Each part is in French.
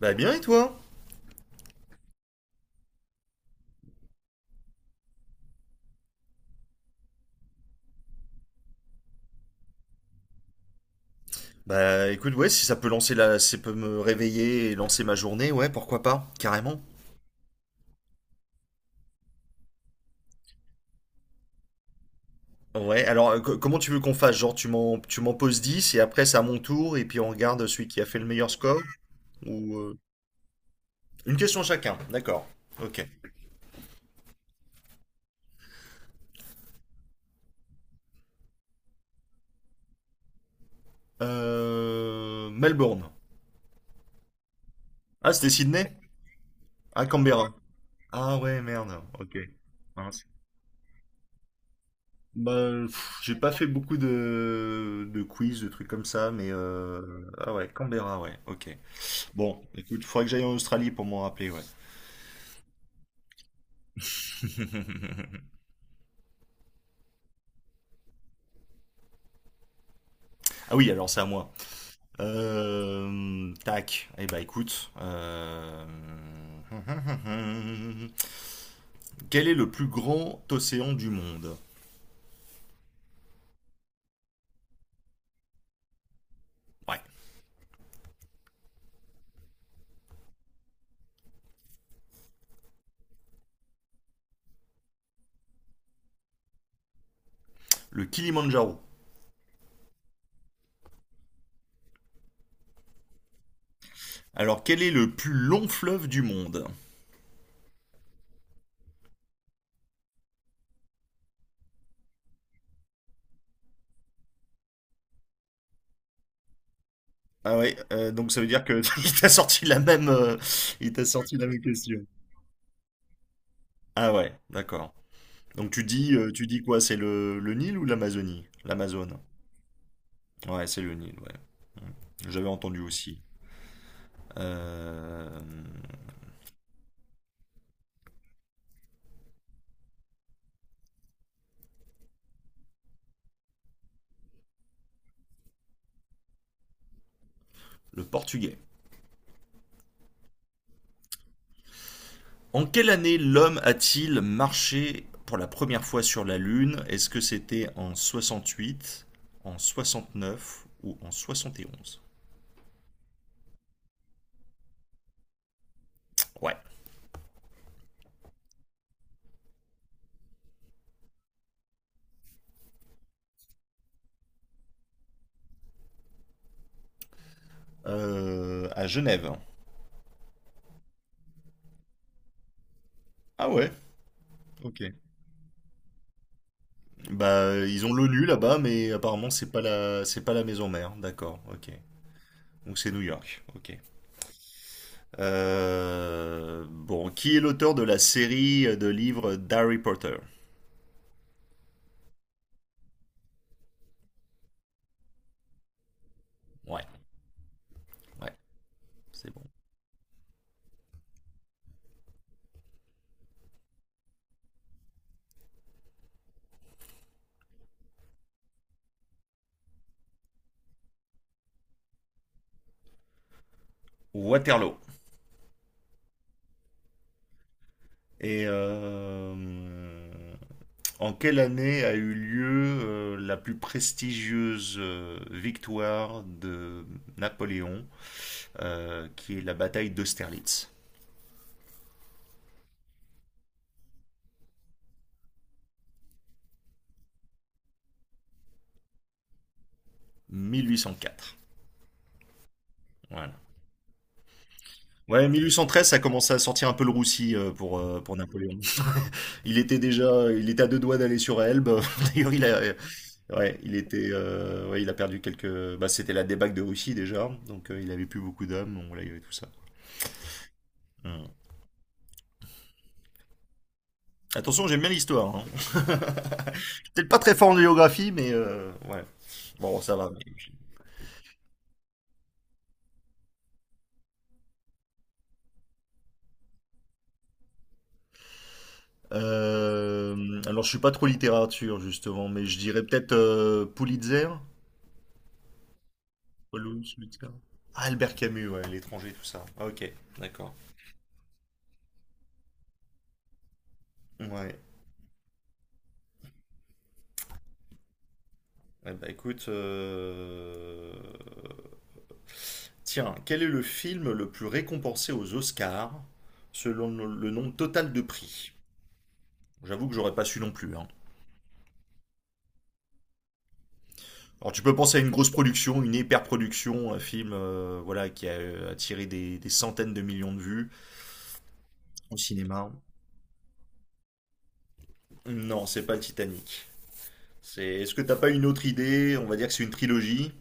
Bah bien et toi? Bah écoute, ouais, si ça peut lancer la... si ça peut me réveiller et lancer ma journée, ouais, pourquoi pas, carrément. Ouais, alors, comment tu veux qu'on fasse? Genre tu m'en poses 10 et après c'est à mon tour et puis on regarde celui qui a fait le meilleur score ou une question chacun, d'accord. OK. Melbourne. Ah, c'était Sydney? Ah, Canberra. Ah ouais, merde. OK. Mince. Bah, pff, j'ai pas fait beaucoup de quiz, de trucs comme ça, mais ah ouais, Canberra, ouais, ok. Bon, écoute, il faudrait que j'aille en Australie pour m'en rappeler, ouais. Ah oui, alors c'est à moi. Tac. Eh bah écoute, quel est le plus grand océan du monde? Ouais, le Kilimandjaro. Alors, quel est le plus long fleuve du monde? Ah ouais, donc ça veut dire que il t'a sorti la même, il t'a sorti la même question. Ah ouais, d'accord. Donc tu dis quoi? C'est le Nil ou l'Amazonie? L'Amazone. Ouais, c'est le Nil, ouais. J'avais entendu aussi. Euh, le portugais. En quelle année l'homme a-t-il marché pour la première fois sur la Lune? Est-ce que c'était en 68, en 69 ou en 71? Ouais. À Genève. Ah ouais. Ok. Bah ils ont l'ONU là-bas, mais apparemment c'est pas la maison mère. D'accord. Ok. Donc c'est New York. Ok. Bon, qui est l'auteur de la série de livres d'Harry Potter? Ouais. Ouais. C'est bon. Waterloo. Et en quelle année a eu lieu la plus prestigieuse victoire de Napoléon, qui est la bataille d'Austerlitz? 1804. Voilà. Ouais, 1813, ça commençait à sortir un peu le roussi, pour Napoléon. Il était déjà, il était à deux doigts d'aller sur Elbe. D'ailleurs, il a, ouais, ouais, il a perdu quelques. Bah, c'était la débâcle de Russie déjà, donc il avait plus beaucoup d'hommes, on là, il y avait tout ça. Hmm. Attention, j'aime bien l'histoire, hein. Peut-être pas très fort en géographie, mais ouais. Bon, ça va. Mais- Alors, je suis pas trop littérature, justement, mais je dirais peut-être Pulitzer. Paul Pulitzer. Ah, Albert Camus, ouais, l'étranger, tout ça. Ah, ok, d'accord. Ouais. Eh ben, écoute, tiens, quel est le film le plus récompensé aux Oscars selon le nombre total de prix? J'avoue que j'aurais pas su non plus, hein. Alors tu peux penser à une grosse production, une hyper-production, un film, voilà, qui a attiré des centaines de millions de vues au cinéma. Non, c'est pas le Titanic. C'est... Est-ce que t'as pas une autre idée? On va dire que c'est une trilogie.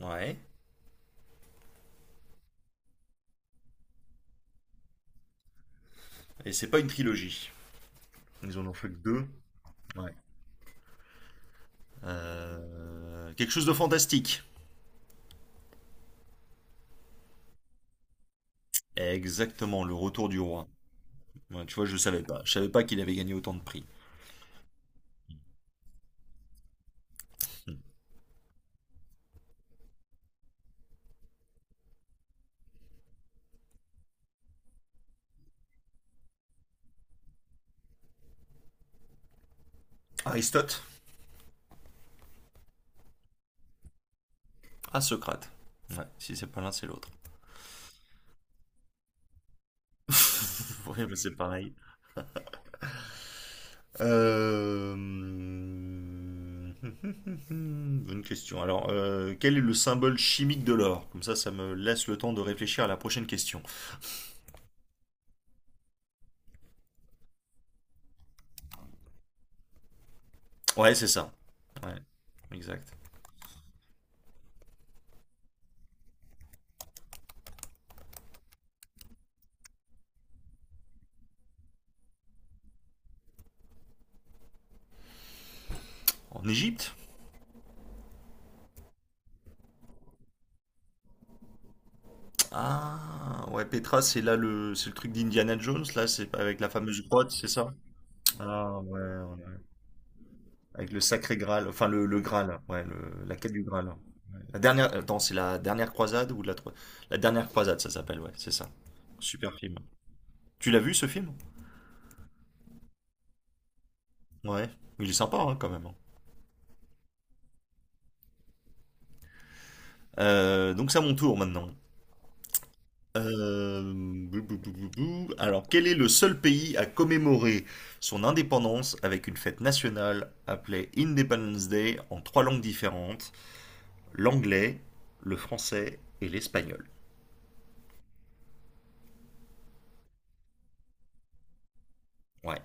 Ouais. Et c'est pas une trilogie. Ils en ont fait que deux. Ouais. Quelque chose de fantastique. Exactement, le retour du roi. Ouais, tu vois, je savais pas. Je savais pas qu'il avait gagné autant de prix. Hmm. Aristote? Ah, Socrate. Ouais, si c'est pas l'un, c'est l'autre. Ouais, bah, c'est pareil. Euh, Bonne question. Alors, quel est le symbole chimique de l'or? Comme ça me laisse le temps de réfléchir à la prochaine question. Ouais, c'est ça. Ouais, exact. En Égypte? Ah, ouais, Petra, c'est c'est le truc d'Indiana Jones, là, c'est pas avec la fameuse grotte, c'est ça? Ah, ouais, ouais. Avec le sacré Graal, enfin le Graal, ouais, la quête du Graal. La dernière, attends, c'est la dernière croisade ou la dernière croisade, ça s'appelle, ouais, c'est ça. Super film. Tu l'as vu ce film? Ouais, il est sympa, hein, quand même, hein. Donc c'est à mon tour maintenant. Euh, Bou, bou, bou, bou, bou. Alors, quel est le seul pays à commémorer son indépendance avec une fête nationale appelée Independence Day en trois langues différentes, l'anglais, le français et l'espagnol? Ouais.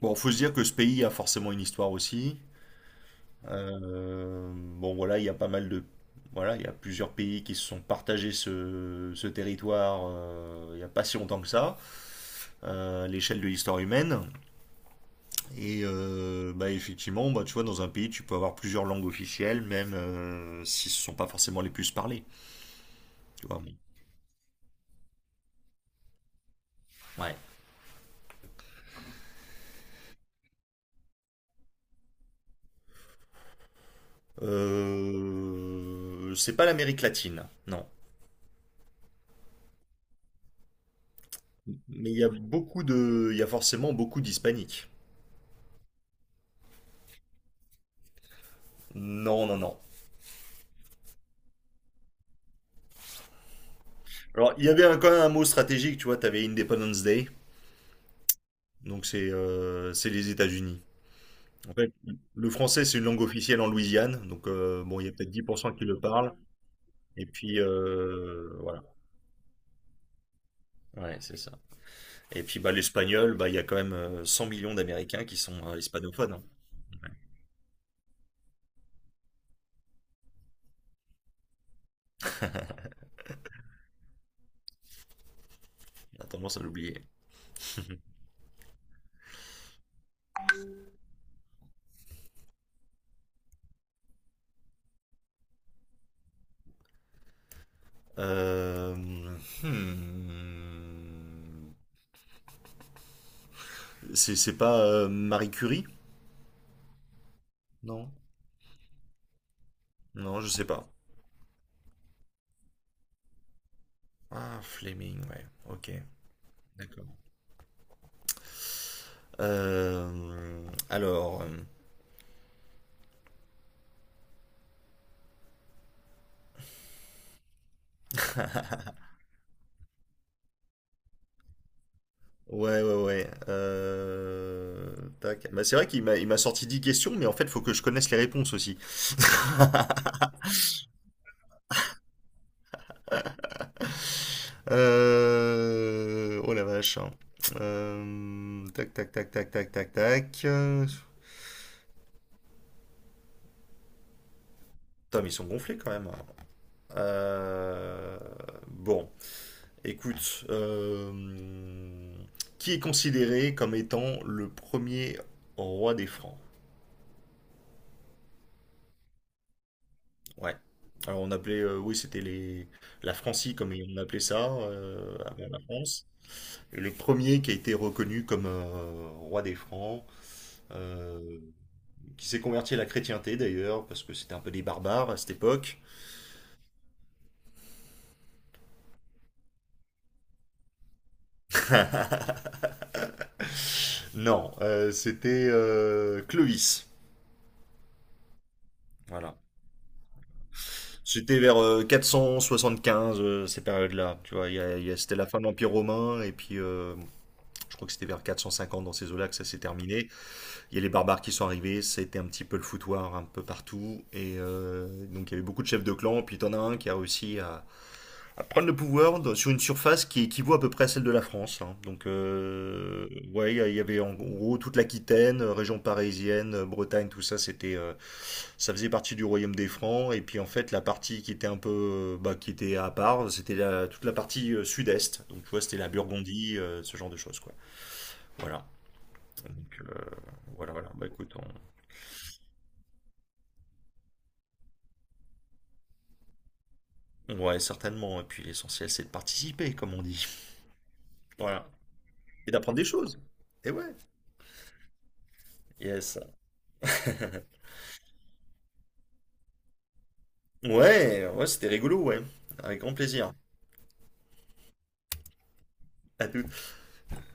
Bon, faut se dire que ce pays a forcément une histoire aussi. Euh, bon, voilà, il y a pas mal de... Voilà, il y a plusieurs pays qui se sont partagés ce territoire, il n'y a pas si longtemps que ça, à l'échelle de l'histoire humaine. Et bah, effectivement, bah, tu vois, dans un pays, tu peux avoir plusieurs langues officielles, même si ce ne sont pas forcément les plus parlées. Tu vois. Mais- Ouais. C'est pas l'Amérique latine, non. Mais il y a forcément beaucoup d'hispaniques. Non, non, non. Alors, il y avait quand même un mot stratégique, tu vois, tu avais Independence Day, donc c'est les États-Unis. En fait, le français, c'est une langue officielle en Louisiane, donc bon, il y a peut-être 10% qui le parlent. Et puis voilà, ouais, c'est ça. Et puis bah l'espagnol, bah il y a quand même 100 millions d'Américains qui sont hispanophones, hein. On a tendance à l'oublier. Euh, hmm. C'est pas Marie Curie? Non. Non, je sais pas. Ah, Fleming, ouais. Ok, d'accord. Alors, ouais, ouais, ouais. Tac. Bah, c'est vrai qu'il m'a sorti 10 questions, mais en fait, faut que je connaisse les réponses aussi. Oh la vache, hein. Tac, tac, tac, tac, tac, tac, tac. Putain, mais ils sont gonflés quand même. Euh, Bon, écoute, Qui est considéré comme étant le premier roi des Francs? Ouais. Alors on appelait, oui, c'était les... la Francie comme on appelait ça, avant la France. Et le premier qui a été reconnu comme, roi des Francs, euh, qui s'est converti à la chrétienté d'ailleurs, parce que c'était un peu des barbares à cette époque. Non, c'était Clovis. Voilà. C'était vers 475, ces périodes-là. Tu vois, c'était la fin de l'Empire romain, et puis je crois que c'était vers 450 dans ces eaux-là que ça s'est terminé. Il y a les barbares qui sont arrivés, c'était un petit peu le foutoir un peu partout, et donc il y avait beaucoup de chefs de clan, puis t'en as un qui a réussi à prendre le pouvoir sur une surface qui équivaut à peu près à celle de la France, hein. Donc, ouais, il y avait en gros toute l'Aquitaine, région parisienne, Bretagne, tout ça, ça faisait partie du royaume des Francs. Et puis en fait, la partie qui était un peu, bah, qui était à part, c'était toute la partie, sud-est. Donc, tu vois, c'était la Burgondie, ce genre de choses, quoi. Voilà. Donc, voilà, voilà. Bah, écoute, ouais, certainement. Et puis l'essentiel, c'est de participer, comme on dit. Voilà. Et d'apprendre des choses. Et ouais. Yes. Ouais, ouais, c'était rigolo, ouais. Avec grand plaisir. À tout.